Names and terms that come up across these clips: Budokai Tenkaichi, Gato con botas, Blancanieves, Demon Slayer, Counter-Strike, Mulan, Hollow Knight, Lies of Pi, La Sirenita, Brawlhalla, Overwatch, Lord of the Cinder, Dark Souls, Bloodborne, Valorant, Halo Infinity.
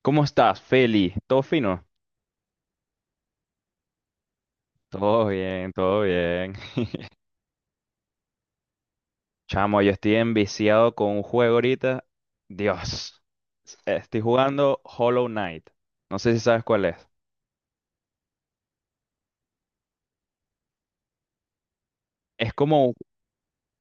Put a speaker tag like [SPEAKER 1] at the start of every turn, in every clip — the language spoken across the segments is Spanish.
[SPEAKER 1] ¿Cómo estás, Feli? ¿Todo fino? Todo bien, todo bien. Chamo, yo estoy enviciado con un juego ahorita. Dios. Estoy jugando Hollow Knight. No sé si sabes cuál es. Es como,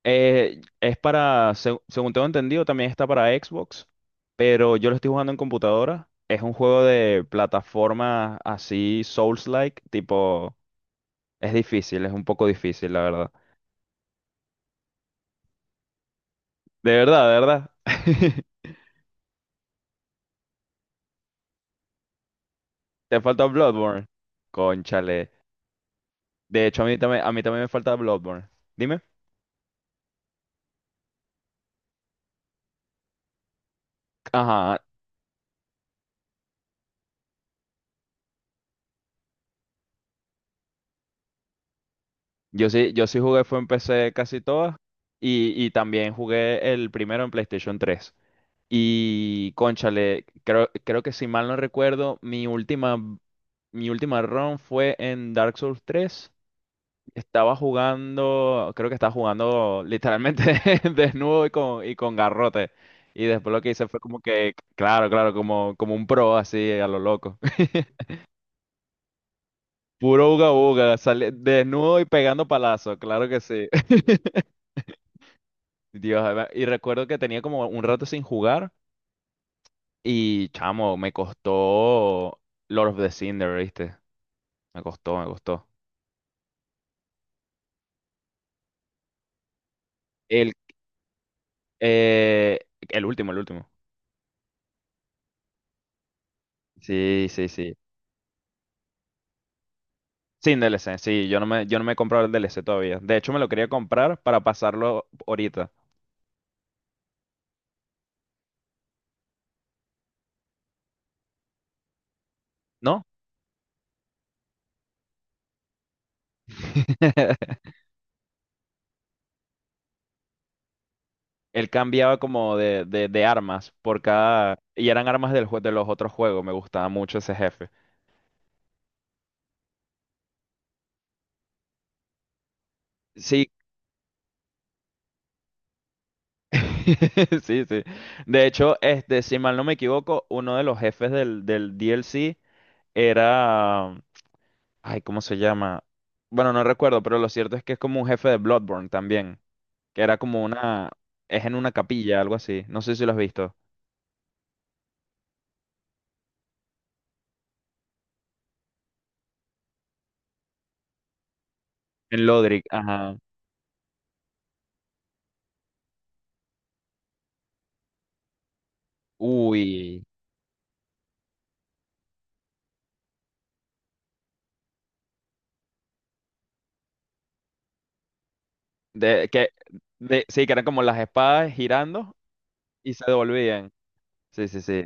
[SPEAKER 1] es para, según tengo entendido, también está para Xbox, pero yo lo estoy jugando en computadora. Es un juego de plataforma así, Souls-like, tipo, es difícil, es un poco difícil, la verdad. De verdad, de verdad. Te falta Bloodborne. Cónchale. De hecho, a mí también me falta Bloodborne. Dime. Ajá, yo sí jugué, fue en PC casi todas. Y también jugué el primero en PlayStation tres. Y, cónchale, creo que si mal no recuerdo, mi última run fue en Dark Souls tres. Estaba jugando, creo que estaba jugando literalmente desnudo y con garrote. Y después lo que hice fue como que, claro, claro, como, como un pro así a lo loco. Puro uga uga, sale desnudo y pegando palazo, claro que sí. Dios, a ver, y recuerdo que tenía como un rato sin jugar y chamo, me costó Lord of the Cinder, ¿viste? Me costó, me costó. El, eh, el último, el último. Sí, sí, sí. Sin D L C, sí, yo no me he comprado el D L C todavía. De hecho, me lo quería comprar para pasarlo ahorita, ¿no? Él cambiaba como de armas por cada... Y eran armas de los otros juegos. Me gustaba mucho ese jefe. Sí, sí, sí. De hecho, este, si mal no me equivoco, uno de los jefes del D L C era... Ay, ¿cómo se llama? Bueno, no recuerdo, pero lo cierto es que es como un jefe de Bloodborne también. Que era como una... Es en una capilla, algo así. No sé si lo has visto. En Lodric, ajá. Uy. De, que, sí, que eran como las espadas girando y se devolvían. Sí, sí, sí.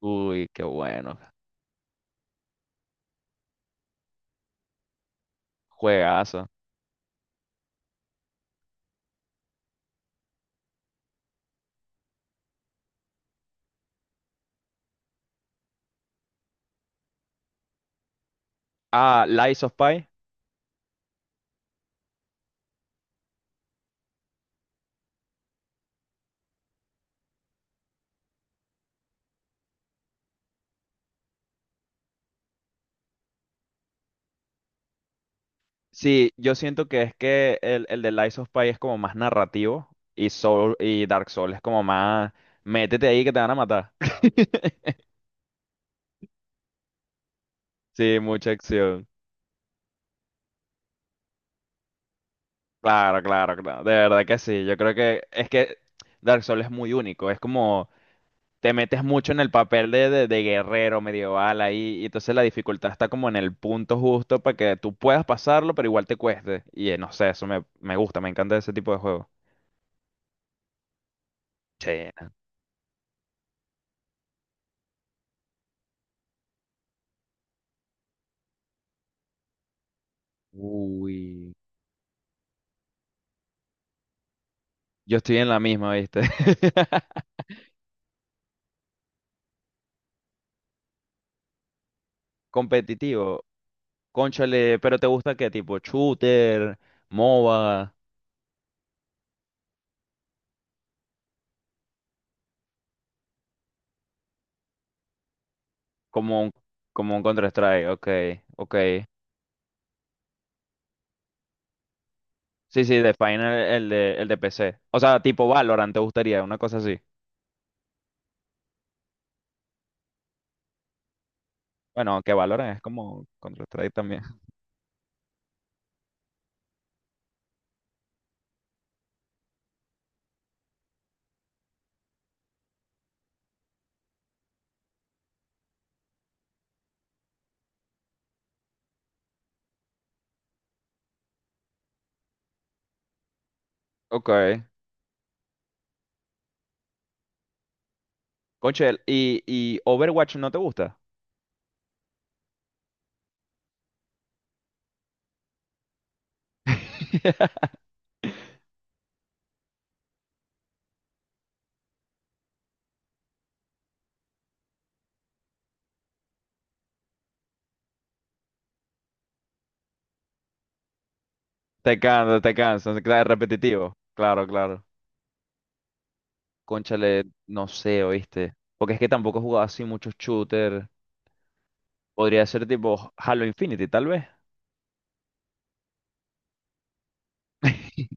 [SPEAKER 1] Uy, qué bueno. Juegazo. Ah, Lies of Pi. Sí, yo siento que es que el de Lies of Pi es como más narrativo y, Soul, y Dark Souls es como más... Métete ahí que te van a matar. Sí, mucha acción. Claro, claro, claro. De verdad que sí. Yo creo que es que Dark Souls es muy único. Es como... te metes mucho en el papel de, de guerrero medieval ahí, y entonces la dificultad está como en el punto justo para que tú puedas pasarlo, pero igual te cueste. Y no sé, eso me, me gusta, me encanta ese tipo de juego. Che, uy, yo estoy en la misma, ¿viste? Competitivo, cónchale, pero ¿te gusta qué tipo? Shooter, MOBA, como un, como un Counter-Strike, ok, ok. Sí, sí, de Final, el de PC. O sea, tipo Valorant, ¿te gustaría? Una cosa así. Bueno, que valoran es como Counter-Strike también. Ok. Conchel, y Overwatch no te gusta? Te cansa, se queda repetitivo. Claro, claro. Cónchale, no sé, ¿oíste? Porque es que tampoco he jugado así muchos shooters. Podría ser tipo Halo Infinity, tal vez.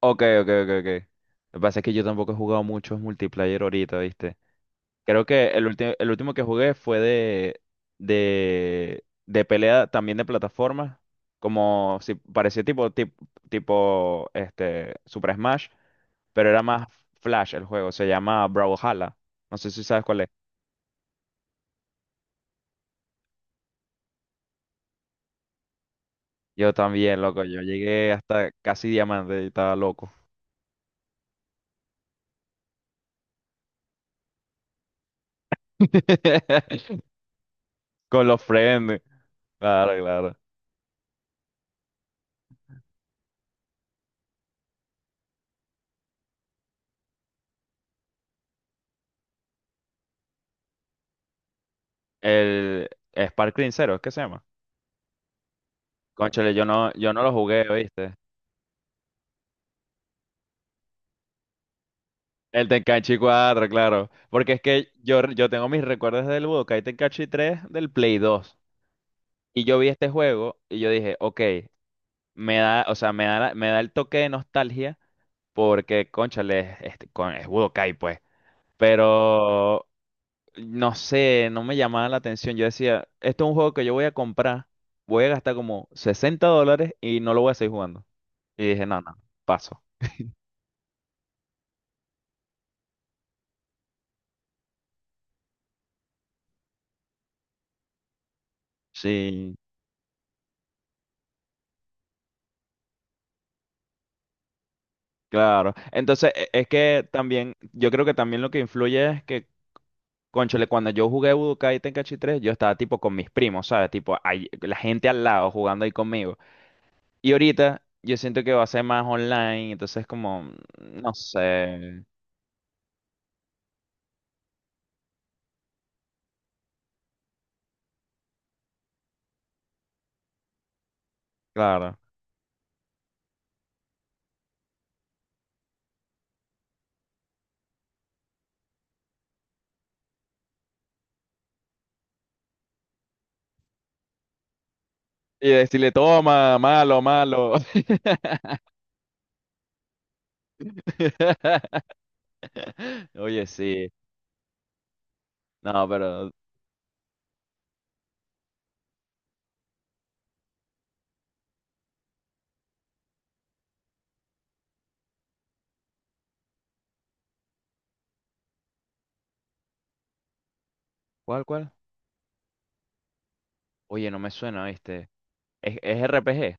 [SPEAKER 1] Ok, ok, ok, ok. Lo que pasa es que yo tampoco he jugado muchos multiplayer ahorita, ¿viste? Creo que el último que jugué fue de pelea también de plataformas, como si parecía tipo, tipo, este Super Smash, pero era más Flash el juego, se llama Brawlhalla. No sé si sabes cuál es. Yo también, loco, yo llegué hasta casi diamante y estaba loco. Con los friends. Claro, claro. El Sparkling Zero, ¿es que se llama? Cónchale, yo no, yo no lo jugué, ¿viste? El Tenkaichi 4, claro. Porque es que yo tengo mis recuerdos del Budokai Tenkaichi 3 del Play 2. Y yo vi este juego y yo dije, ok, me da, o sea, me da, me da el toque de nostalgia porque, cónchale, es, este, es Budokai, pues. Pero, no sé, no me llamaba la atención. Yo decía, esto es un juego que yo voy a comprar, voy a gastar como $60 y no lo voy a seguir jugando. Y dije, no, no, paso. Sí. Claro, entonces es que también, yo creo que también lo que influye es que, cónchale, cuando yo jugué Budokai Tenkaichi 3, yo estaba tipo con mis primos, ¿sabes? Tipo, ahí- la gente al lado jugando ahí conmigo. Y ahorita yo siento que va a ser más online, entonces como, no sé, claro. Y decirle, toma, malo, malo. Oye, sí, no, pero, ¿cuál, cuál? Oye, no me suena, ¿viste? Es RPG?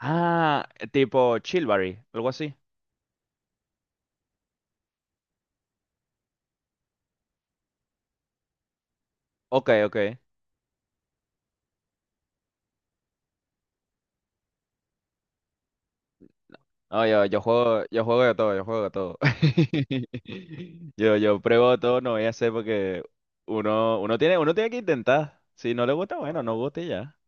[SPEAKER 1] Ah, tipo Chilbury, algo así. Ok, ok. No, yo, yo juego de todo, yo juego de todo. Yo pruebo de todo, no voy a hacer porque uno, uno tiene que intentar. Si no le gusta, bueno, no gusta y ya.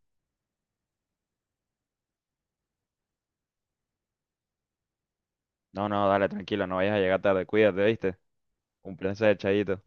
[SPEAKER 1] No, no, dale, tranquilo, no vayas a llegar tarde, cuídate, ¿viste? Un placer, chayito.